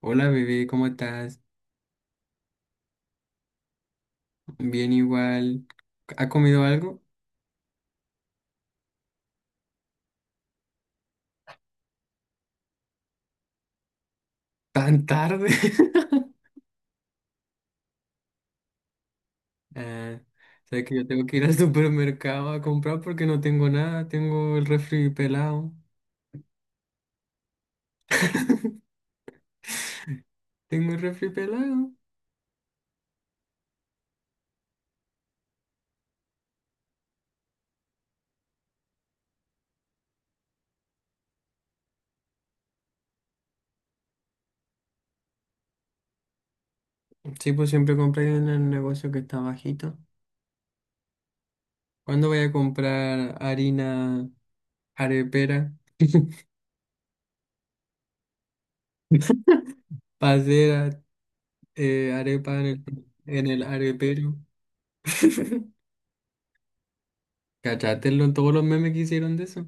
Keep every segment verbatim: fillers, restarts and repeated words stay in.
Hola bebé, ¿cómo estás? Bien igual. ¿Ha comido algo? ¿Tan tarde? Ah, sabes que yo tengo que ir al supermercado a comprar porque no tengo nada. Tengo el refri pelado. Tengo el refri pelado. Sí, pues siempre compré en el negocio que está bajito. ¿Cuándo voy a comprar harina arepera? Para hacer a- eh, arepa en el, en el arepero. Cachatelo en todos los memes que hicieron de eso.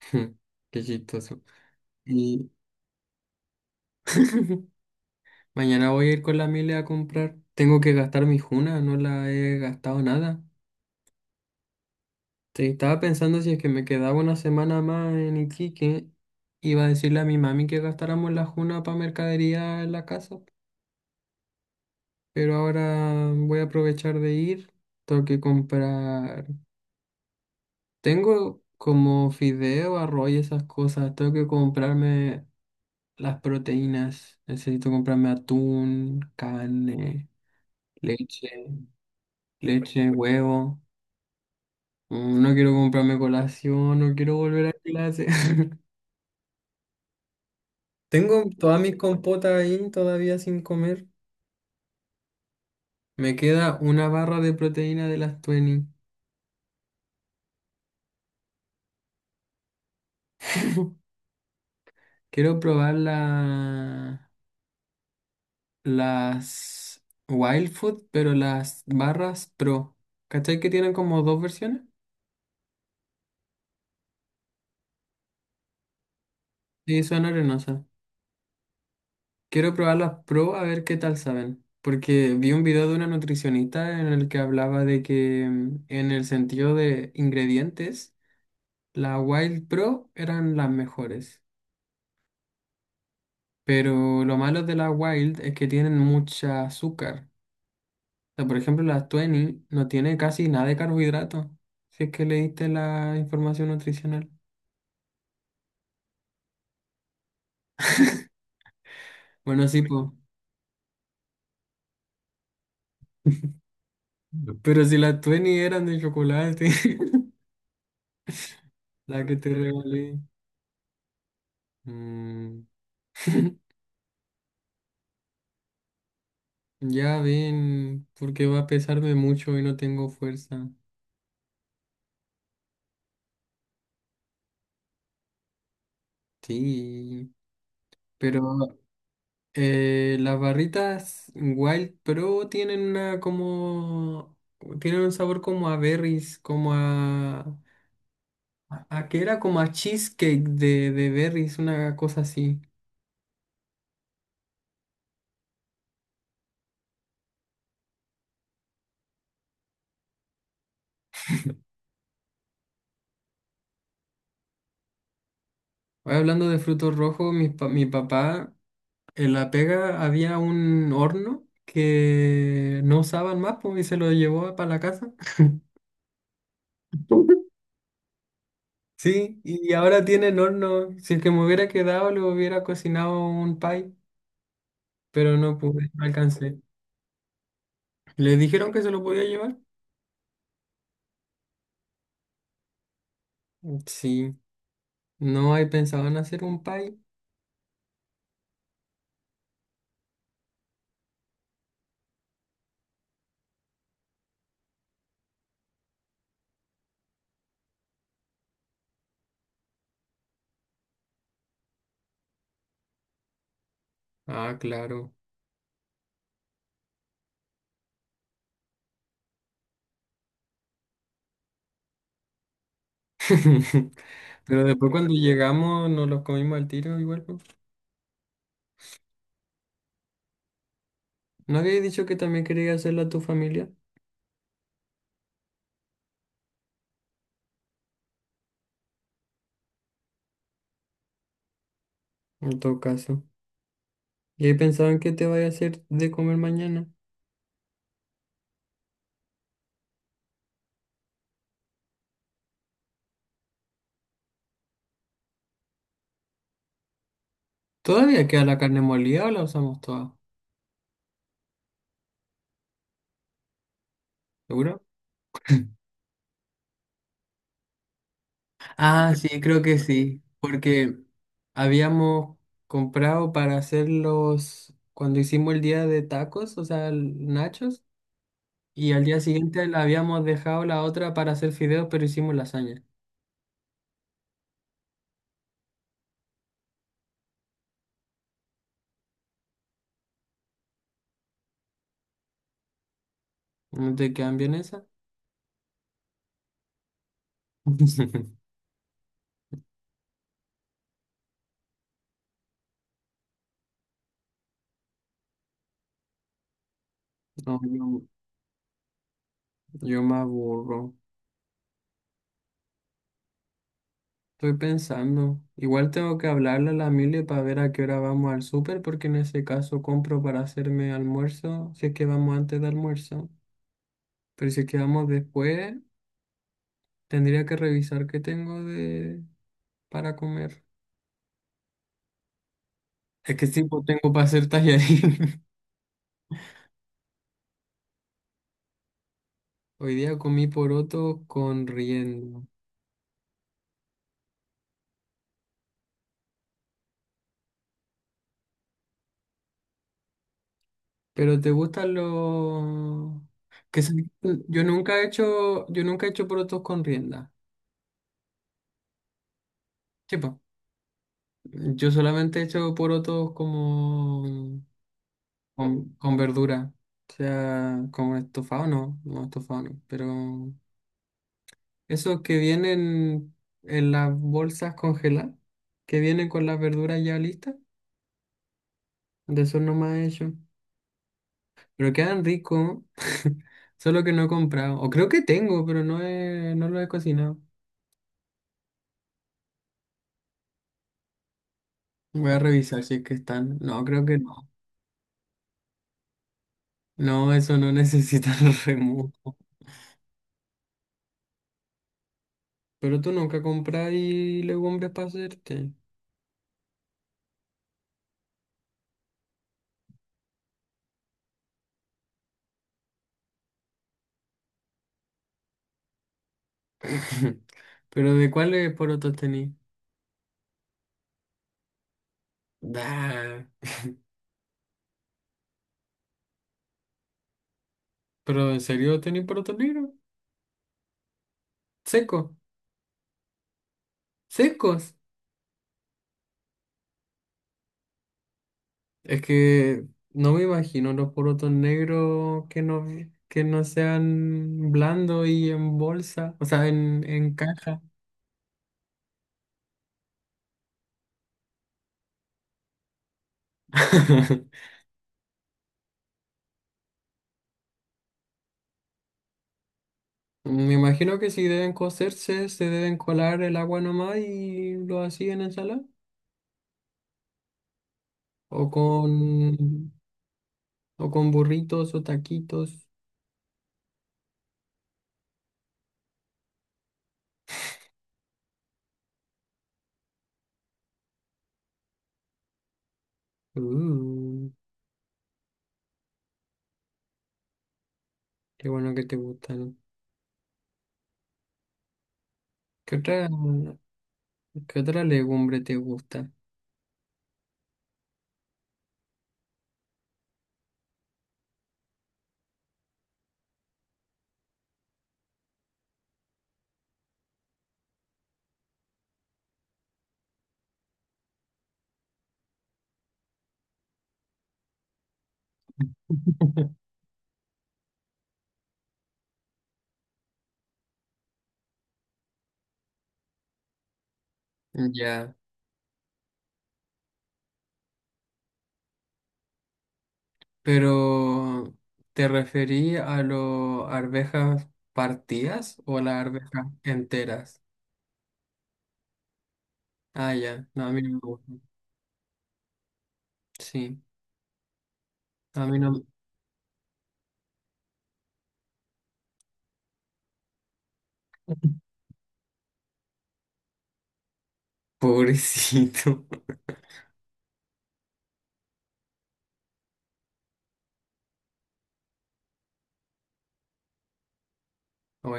Qué chistoso. Y mañana voy a ir con la Mile a comprar. Tengo que gastar mi juna, no la he gastado nada. Te estaba pensando si es que me quedaba una semana más en Iquique, iba a decirle a mi mami que gastáramos la juna para mercadería en la casa. Pero ahora voy a aprovechar de ir. Tengo que comprar. Tengo como fideo, arroz y esas cosas. Tengo que comprarme las proteínas. Necesito comprarme atún, carne, leche, leche, huevo. Mm, No quiero comprarme colación, no quiero volver a clase. Tengo todas mis compotas ahí todavía sin comer. Me queda una barra de proteína de las veinte. Quiero probar la, las Wild Food, pero las barras Pro. ¿Cachai que tienen como dos versiones? Sí, son arenosas. Quiero probar las Pro a ver qué tal saben. Porque vi un video de una nutricionista en el que hablaba de que mm, en el sentido de ingredientes, las Wild Pro eran las mejores, pero lo malo de las Wild es que tienen mucha azúcar. O sea, por ejemplo, las veinte no tiene casi nada de carbohidrato, si es que leíste la información nutricional. Bueno, sí, pues. Pero si las veinte eran de chocolate, la que te regalé. Mm. Ya ven, porque va a pesarme mucho y no tengo fuerza. Sí, pero Eh, las barritas Wild Pro tienen una como... Tienen un sabor como a berries, como a... ¿A qué era? Como a cheesecake de, de berries, una cosa así. Hoy hablando de frutos rojos, mi, pa- mi papá en La Pega había un horno que no usaban más pues, y se lo llevó para la casa. Sí, y ahora tienen horno. Si es que me hubiera quedado, le hubiera cocinado un pie, pero no pude, no alcancé. ¿Les dijeron que se lo podía llevar? Sí. No, ahí pensaban hacer un pie. Ah, claro. Pero después cuando llegamos nos los comimos al tiro igual. Pues. ¿No habías dicho que también querías hacerlo a tu familia? En todo caso. ¿Y ahí pensaban que te vaya a hacer de comer mañana? ¿Todavía queda la carne molida o la usamos toda? ¿Seguro? Ah, sí, creo que sí. Porque habíamos comprado para hacerlos cuando hicimos el día de tacos, o sea, el- nachos. Y al día siguiente la habíamos dejado la otra para hacer fideos, pero hicimos lasaña. ¿No te quedan bien esas? No, yo, yo me aburro. Estoy pensando. Igual tengo que hablarle a la Mile para ver a qué hora vamos al súper, porque en ese caso compro para hacerme almuerzo, si es que vamos antes de almuerzo. Pero si es que vamos después, tendría que revisar qué tengo de para comer. Es que sí, pues tengo para hacer tallarín. Hoy día comí poroto con riendo. Pero te gustan los... Que se- Yo nunca he hecho, yo nunca he hecho porotos con rienda. Tipo, yo solamente he hecho porotos como con, con verdura. O sea, como estofado no, no estofado no. Pero esos que vienen en las bolsas congeladas, que vienen con las verduras ya listas, de esos no más he hecho. Pero quedan ricos, solo que no he comprado. O creo que tengo, pero no he- no lo he cocinado. Voy a revisar si es que están. No, creo que no. No, eso no necesita remojo. Pero tú nunca compras y legumbres para hacerte. ¿Pero de cuáles porotos tenés? Da. ¿Pero en serio tenés porotos negros? Secos. Secos. Es que no me imagino los porotos negros que no, que no sean blandos y en bolsa. O sea, en, en caja. Me imagino que si deben cocerse, se deben colar el agua nomás y lo hacían en ensalada. O con, o con burritos o taquitos. Uh, qué bueno que te gustan. ¿Qué otra, qué otra legumbre te gusta? Ya, pero ¿te referí a las arvejas partidas o a las arvejas enteras? Ah, ya, no, a mí no me gusta. Sí, a mí no. Pobrecito. O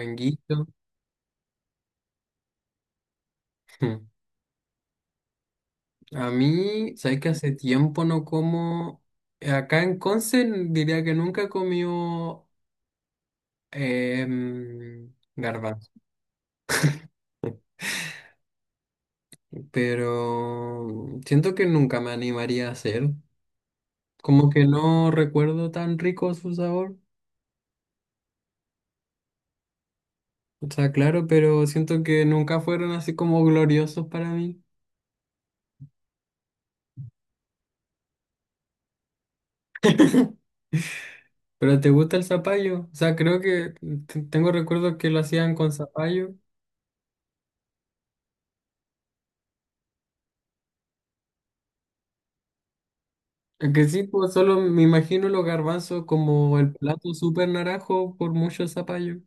hmm. A mí, sabes que hace tiempo no como. Acá en Conce diría que nunca comió em, garbanzo, pero siento que nunca me animaría a hacer. Como que no recuerdo tan rico su sabor. O sea, claro, pero siento que nunca fueron así como gloriosos para mí. ¿Pero te gusta el zapallo? O sea, creo que t- tengo recuerdos que lo hacían con zapallo. Es que sí, pues solo me imagino los garbanzos como el plato súper naranjo por mucho zapallo.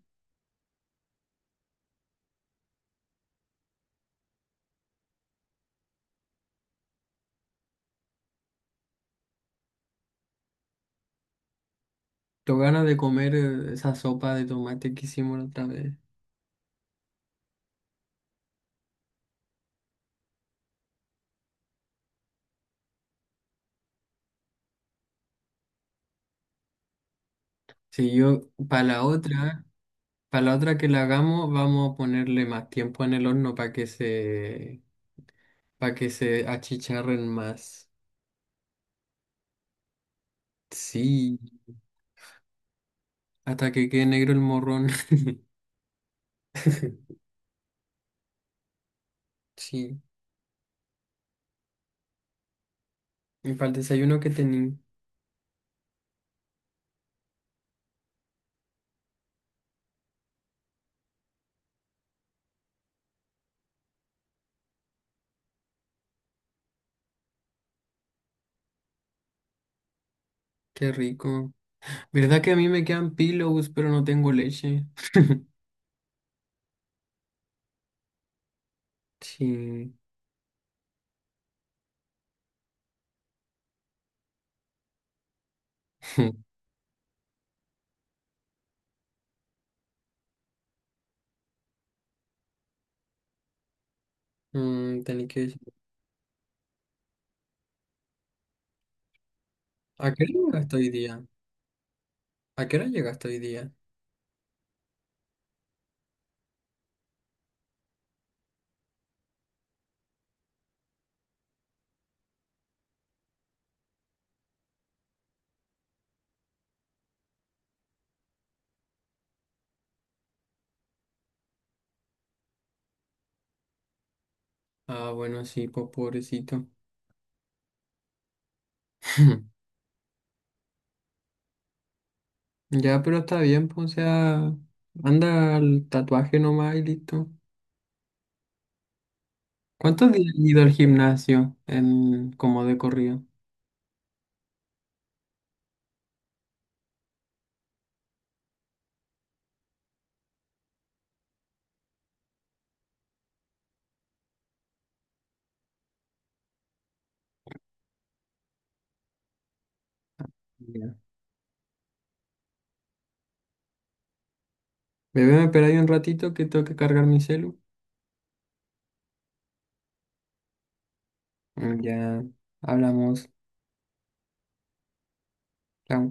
Tengo ganas de comer eh, esa sopa de tomate que hicimos la otra vez. Si yo, para la otra, para la otra que la hagamos, vamos a ponerle más tiempo en el horno para que se, para que se achicharren más. Sí, hasta que quede negro el morrón. Sí, y para el desayuno que tení, qué rico. ¿Verdad que a mí me quedan pillows, pero no tengo leche? Sí. Mm, tenés que decir, ¿a qué hora llegaste hoy día? ¿A qué hora llegaste hoy día? Ah, bueno, sí, pues pobrecito. Ya, pero está bien, pues, o sea, anda al tatuaje nomás y listo. ¿Cuántos días has ido al gimnasio en, como de corrido? Ya. Bebé, me espera ahí un ratito que tengo que cargar mi celu. Mm, ya, hablamos. Chao.